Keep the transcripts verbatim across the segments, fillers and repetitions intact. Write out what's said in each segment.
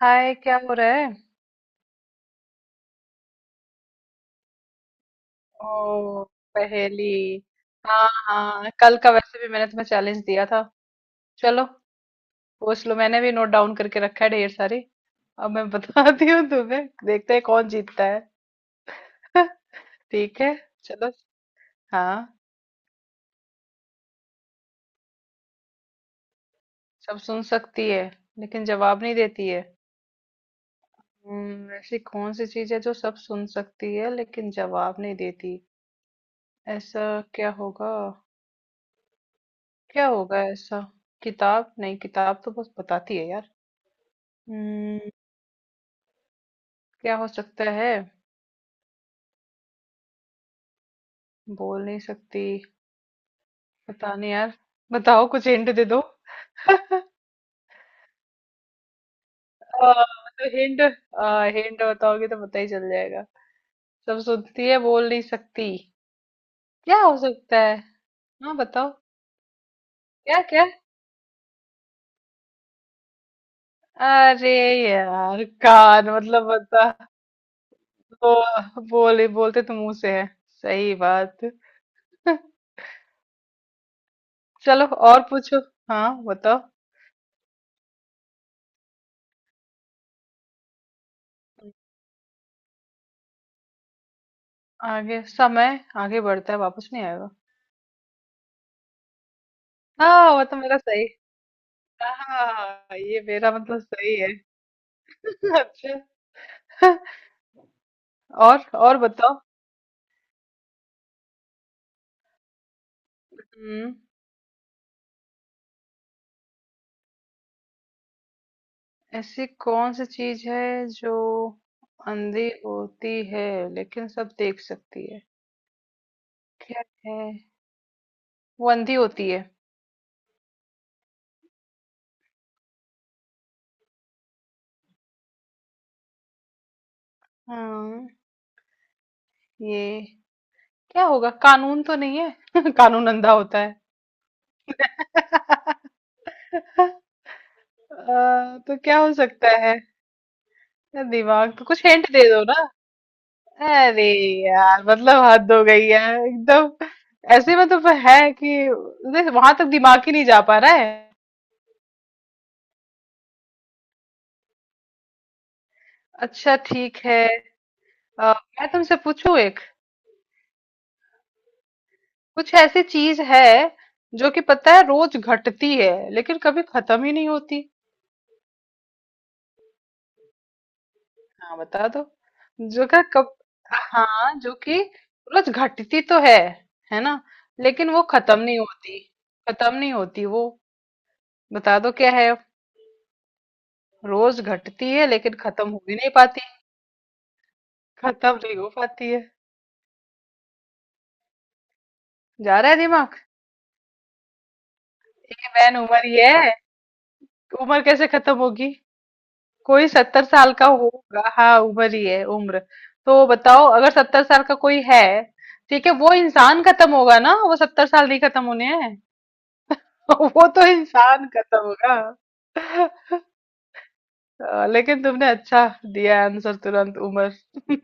हाय, क्या हो रहा है? ओ, पहेली। हाँ हाँ, कल का वैसे भी मैंने तुम्हें चैलेंज दिया था। चलो, पूछ लो, मैंने भी नोट डाउन करके रखा है ढेर सारी। अब मैं बताती हूँ तुम्हें, देखते हैं कौन जीतता है। ठीक है, चलो। हाँ, सब सुन सकती है लेकिन जवाब नहीं देती है। हम्म, ऐसी कौन सी चीज है जो सब सुन सकती है लेकिन जवाब नहीं देती? ऐसा क्या होगा? क्या होगा ऐसा? किताब? नहीं, किताब तो बस बताती है यार। हम्म, क्या हो सकता है? बोल नहीं सकती। पता नहीं यार, बताओ कुछ हिंट दे दो आ, तो हिंट, आ, हिंट बताओगे तो पता ही चल जाएगा। सब सुनती है, बोल नहीं सकती। क्या हो सकता है? हाँ, बताओ। क्या क्या? अरे यार, कान मतलब बता। वो बोले बोलते तो मुंह से है। सही बात। चलो, और पूछो। हाँ, बताओ। आगे, समय आगे बढ़ता है, वापस नहीं आएगा। हाँ, वो तो मेरा सही। हाँ, ये मेरा मतलब सही है। अच्छा। और और बताओ। हम्म ऐसी कौन सी चीज है जो अंधी होती है लेकिन सब देख सकती है? क्या है? वो अंधी होती है। हाँ। ये क्या होगा, कानून तो नहीं है? कानून अंधा होता है। अ, तो क्या हो सकता है? दिमाग, तो कुछ हिंट दे दो। अरे यार, मतलब हद हो गई है एकदम। ऐसे मतलब है कि वहां तक दिमाग ही नहीं जा पा रहा है। अच्छा ठीक है। अ, मैं तुमसे पूछूं एक। कुछ ऐसी चीज है जो कि पता है, रोज घटती है लेकिन कभी खत्म ही नहीं होती। हाँ बता दो। जो कि, कब? हाँ, जो कि रोज घटती तो है है ना? लेकिन वो खत्म नहीं होती। खत्म नहीं होती वो। बता दो क्या है। रोज घटती है लेकिन खत्म हो ही नहीं पाती। खत्म नहीं हो पाती है। जा रहा है दिमाग। ये वैन उम्र ही है। उम्र कैसे खत्म होगी? कोई सत्तर साल का होगा, हाँ, उम्र ही है, उम्र। तो बताओ, अगर सत्तर साल का कोई है, ठीक है, वो इंसान खत्म होगा ना, वो सत्तर साल नहीं खत्म होने हैं। वो तो इंसान खत्म होगा। अ, लेकिन तुमने अच्छा दिया आंसर, तुरंत उम्र।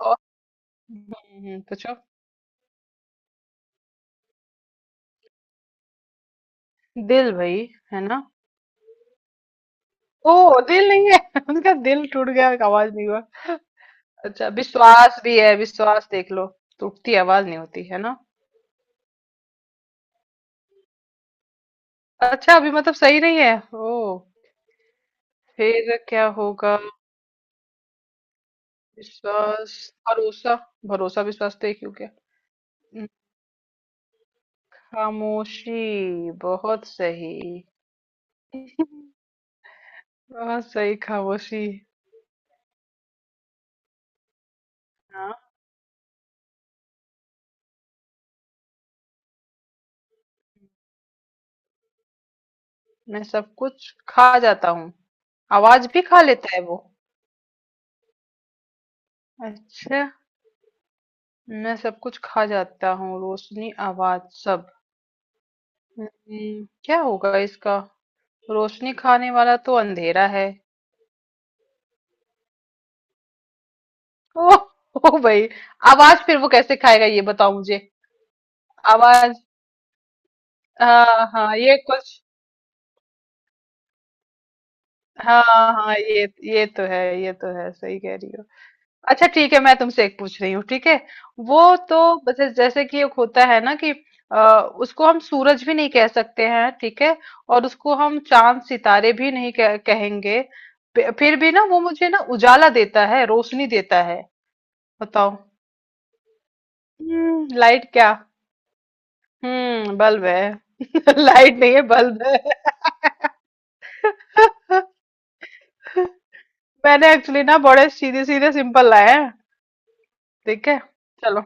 और, हम्म, हम्म, पूछो। दिल, भाई, है ना? ओ, दिल नहीं है। उनका दिल टूट गया, आवाज नहीं हुआ। अच्छा, विश्वास भी है, विश्वास देख लो तो उठती, आवाज नहीं होती, है ना? अच्छा, अभी मतलब सही नहीं है? ओ, फिर क्या होगा? विश्वास, भरोसा। भरोसा विश्वास तो एक ही हो गया। हम्म, खामोशी बहुत सही। बहुत सही, खामोशी। हाँ, मैं सब कुछ खा जाता हूँ। आवाज भी खा लेता है वो। अच्छा। मैं सब कुछ खा जाता हूँ, रोशनी, आवाज, सब। हम्म, क्या होगा इसका? रोशनी खाने वाला तो अंधेरा है। ओ, ओ भाई, आवाज फिर वो कैसे खाएगा, ये बताओ मुझे। आवाज, हाँ हाँ, ये कुछ, हाँ हाँ ये ये तो है, ये तो है, सही कह रही हो। अच्छा ठीक है, मैं तुमसे एक पूछ रही हूँ, ठीक है? वो तो, जैसे, जैसे कि एक होता है ना कि आ, उसको हम सूरज भी नहीं कह सकते हैं, ठीक है, और उसको हम चांद सितारे भी नहीं कह, कहेंगे। पे- फिर भी ना वो मुझे ना उजाला देता है, रोशनी देता है। बताओ। हम्म लाइट क्या? हम्म बल्ब है। लाइट नहीं है, बल्ब है। मैंने एक्चुअली ना बड़े सीधे सीधे सिंपल लाए हैं। ठीक है, चलो।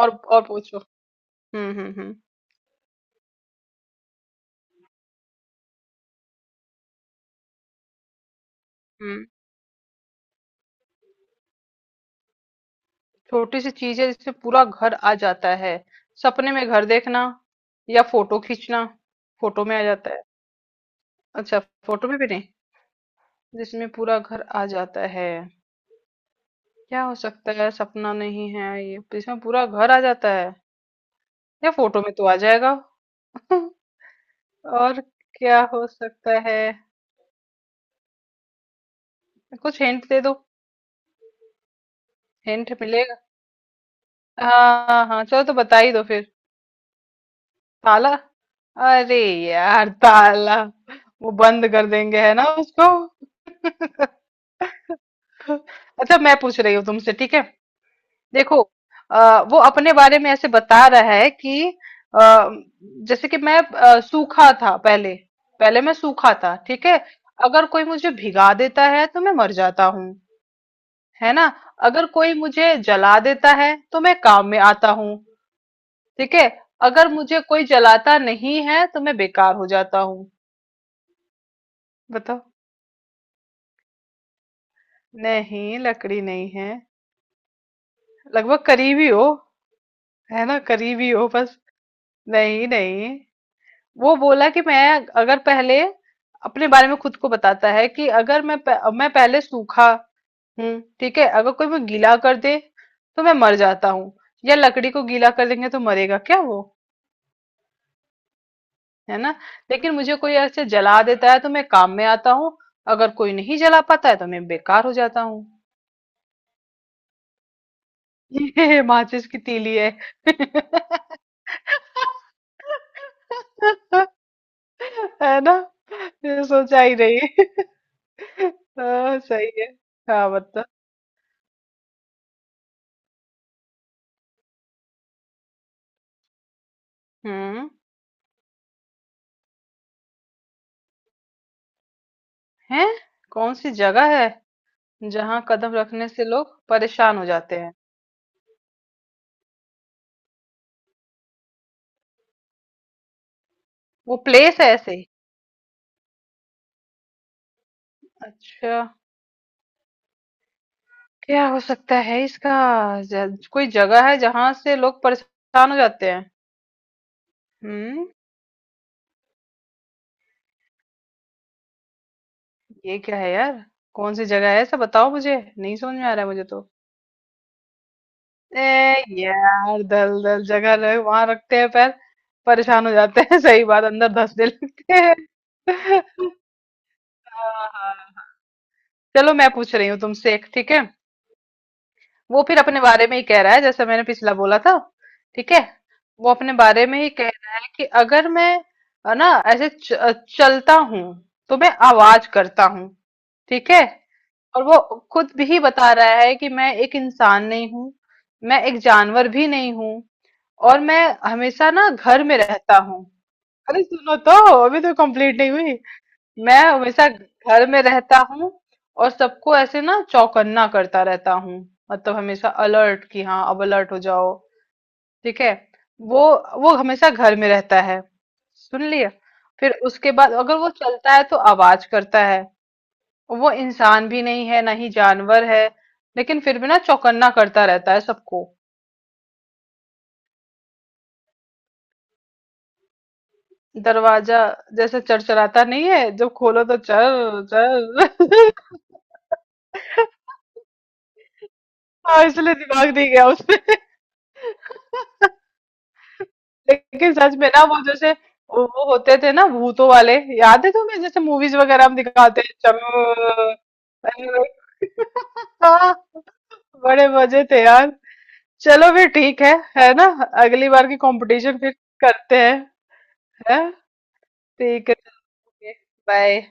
और और पूछो। हम्म हम्म हम्म हम्म। छोटी सी चीज है जिससे पूरा घर आ जाता है। सपने में घर देखना? या फोटो खींचना? फोटो में आ जाता है? अच्छा, फोटो में भी नहीं? जिसमें पूरा घर आ जाता है, क्या हो सकता है? सपना नहीं है ये, जिसमें पूरा घर आ जाता है? या फोटो में तो आ जाएगा। और क्या हो सकता है? कुछ हिंट दे दो। हिंट मिलेगा? हाँ हाँ, चलो तो बता ही दो फिर। ताला? अरे यार, ताला! वो बंद कर देंगे है ना उसको? अच्छा, मैं पूछ रही हूँ तुमसे, ठीक है? देखो, आ, वो अपने बारे में ऐसे बता रहा है कि आ, जैसे कि मैं अ, सूखा था पहले। पहले मैं सूखा था, ठीक है। अगर कोई मुझे भिगा देता है तो मैं मर जाता हूँ, है ना? अगर कोई मुझे जला देता है तो मैं काम में आता हूँ, ठीक है। अगर मुझे कोई जलाता नहीं है तो मैं बेकार हो जाता हूँ। बताओ। नहीं, लकड़ी नहीं है। लगभग करीबी हो, है ना? करीबी हो, बस। नहीं नहीं। वो बोला कि मैं, अगर पहले, अपने बारे में खुद को बताता है कि अगर मैं प, मैं पहले सूखा हूँ, ठीक है? अगर कोई मैं गीला कर दे तो मैं मर जाता हूँ। या लकड़ी को गीला कर देंगे तो मरेगा क्या वो? है ना? लेकिन मुझे कोई ऐसे जला देता है तो मैं काम में आता हूँ। अगर कोई नहीं जला पाता है तो मैं बेकार हो जाता हूँ। ये माचिस की तीली है। है ना? ये सोचा ही नहीं। हाँ, सही है। हाँ, बता। हम्म है। कौन सी जगह है जहाँ कदम रखने से लोग परेशान हो जाते हैं? वो प्लेस है ऐसे ही। अच्छा, क्या हो सकता है इसका? ज- कोई जगह है जहां से लोग परेशान हो जाते हैं। हम्म ये क्या है यार? कौन सी जगह है ऐसा, बताओ मुझे, नहीं समझ में आ रहा है मुझे तो। ए, यार, दल दल जगह रहे, वहां रखते हैं पैर, परेशान हो जाते हैं। सही बात, अंदर धंसने लगते हैं। हाँ, हाँ। चलो, मैं पूछ रही हूँ तुमसे एक, ठीक है? वो फिर अपने बारे में ही कह रहा है जैसे मैंने पिछला बोला था। ठीक है, वो अपने बारे में ही कह रहा है कि अगर मैं, है ना, ऐसे च, चलता हूँ, तो मैं आवाज करता हूँ, ठीक है। और वो खुद भी बता रहा है कि मैं एक इंसान नहीं हूँ, मैं एक जानवर भी नहीं हूँ, और मैं हमेशा ना घर में रहता हूँ। अरे सुनो तो, अभी तो कंप्लीट नहीं हुई। मैं हमेशा घर में रहता हूँ और सबको ऐसे ना चौकन्ना करता रहता हूँ, मतलब हमेशा अलर्ट, कि हाँ अब अलर्ट हो जाओ, ठीक है? वो वो हमेशा घर में रहता है, सुन लिया? फिर उसके बाद अगर वो चलता है तो आवाज करता है। वो इंसान भी नहीं है ना ही जानवर है, लेकिन फिर भी ना चौकन्ना करता रहता है सबको। दरवाजा, जैसे चरचराता नहीं है जब खोलो तो, चल चल। हाँ, इसलिए दिमाग दी गया उसमें। लेकिन सच में ना, वो जैसे, वो वो होते थे ना भूतों वाले, याद है तुम्हें, जैसे मूवीज वगैरह हम दिखाते हैं, चम हाँ, बड़े मजे थे यार। चलो फिर, ठीक है है ना? अगली बार की कंपटीशन फिर करते हैं, है? ठीक है, बाय।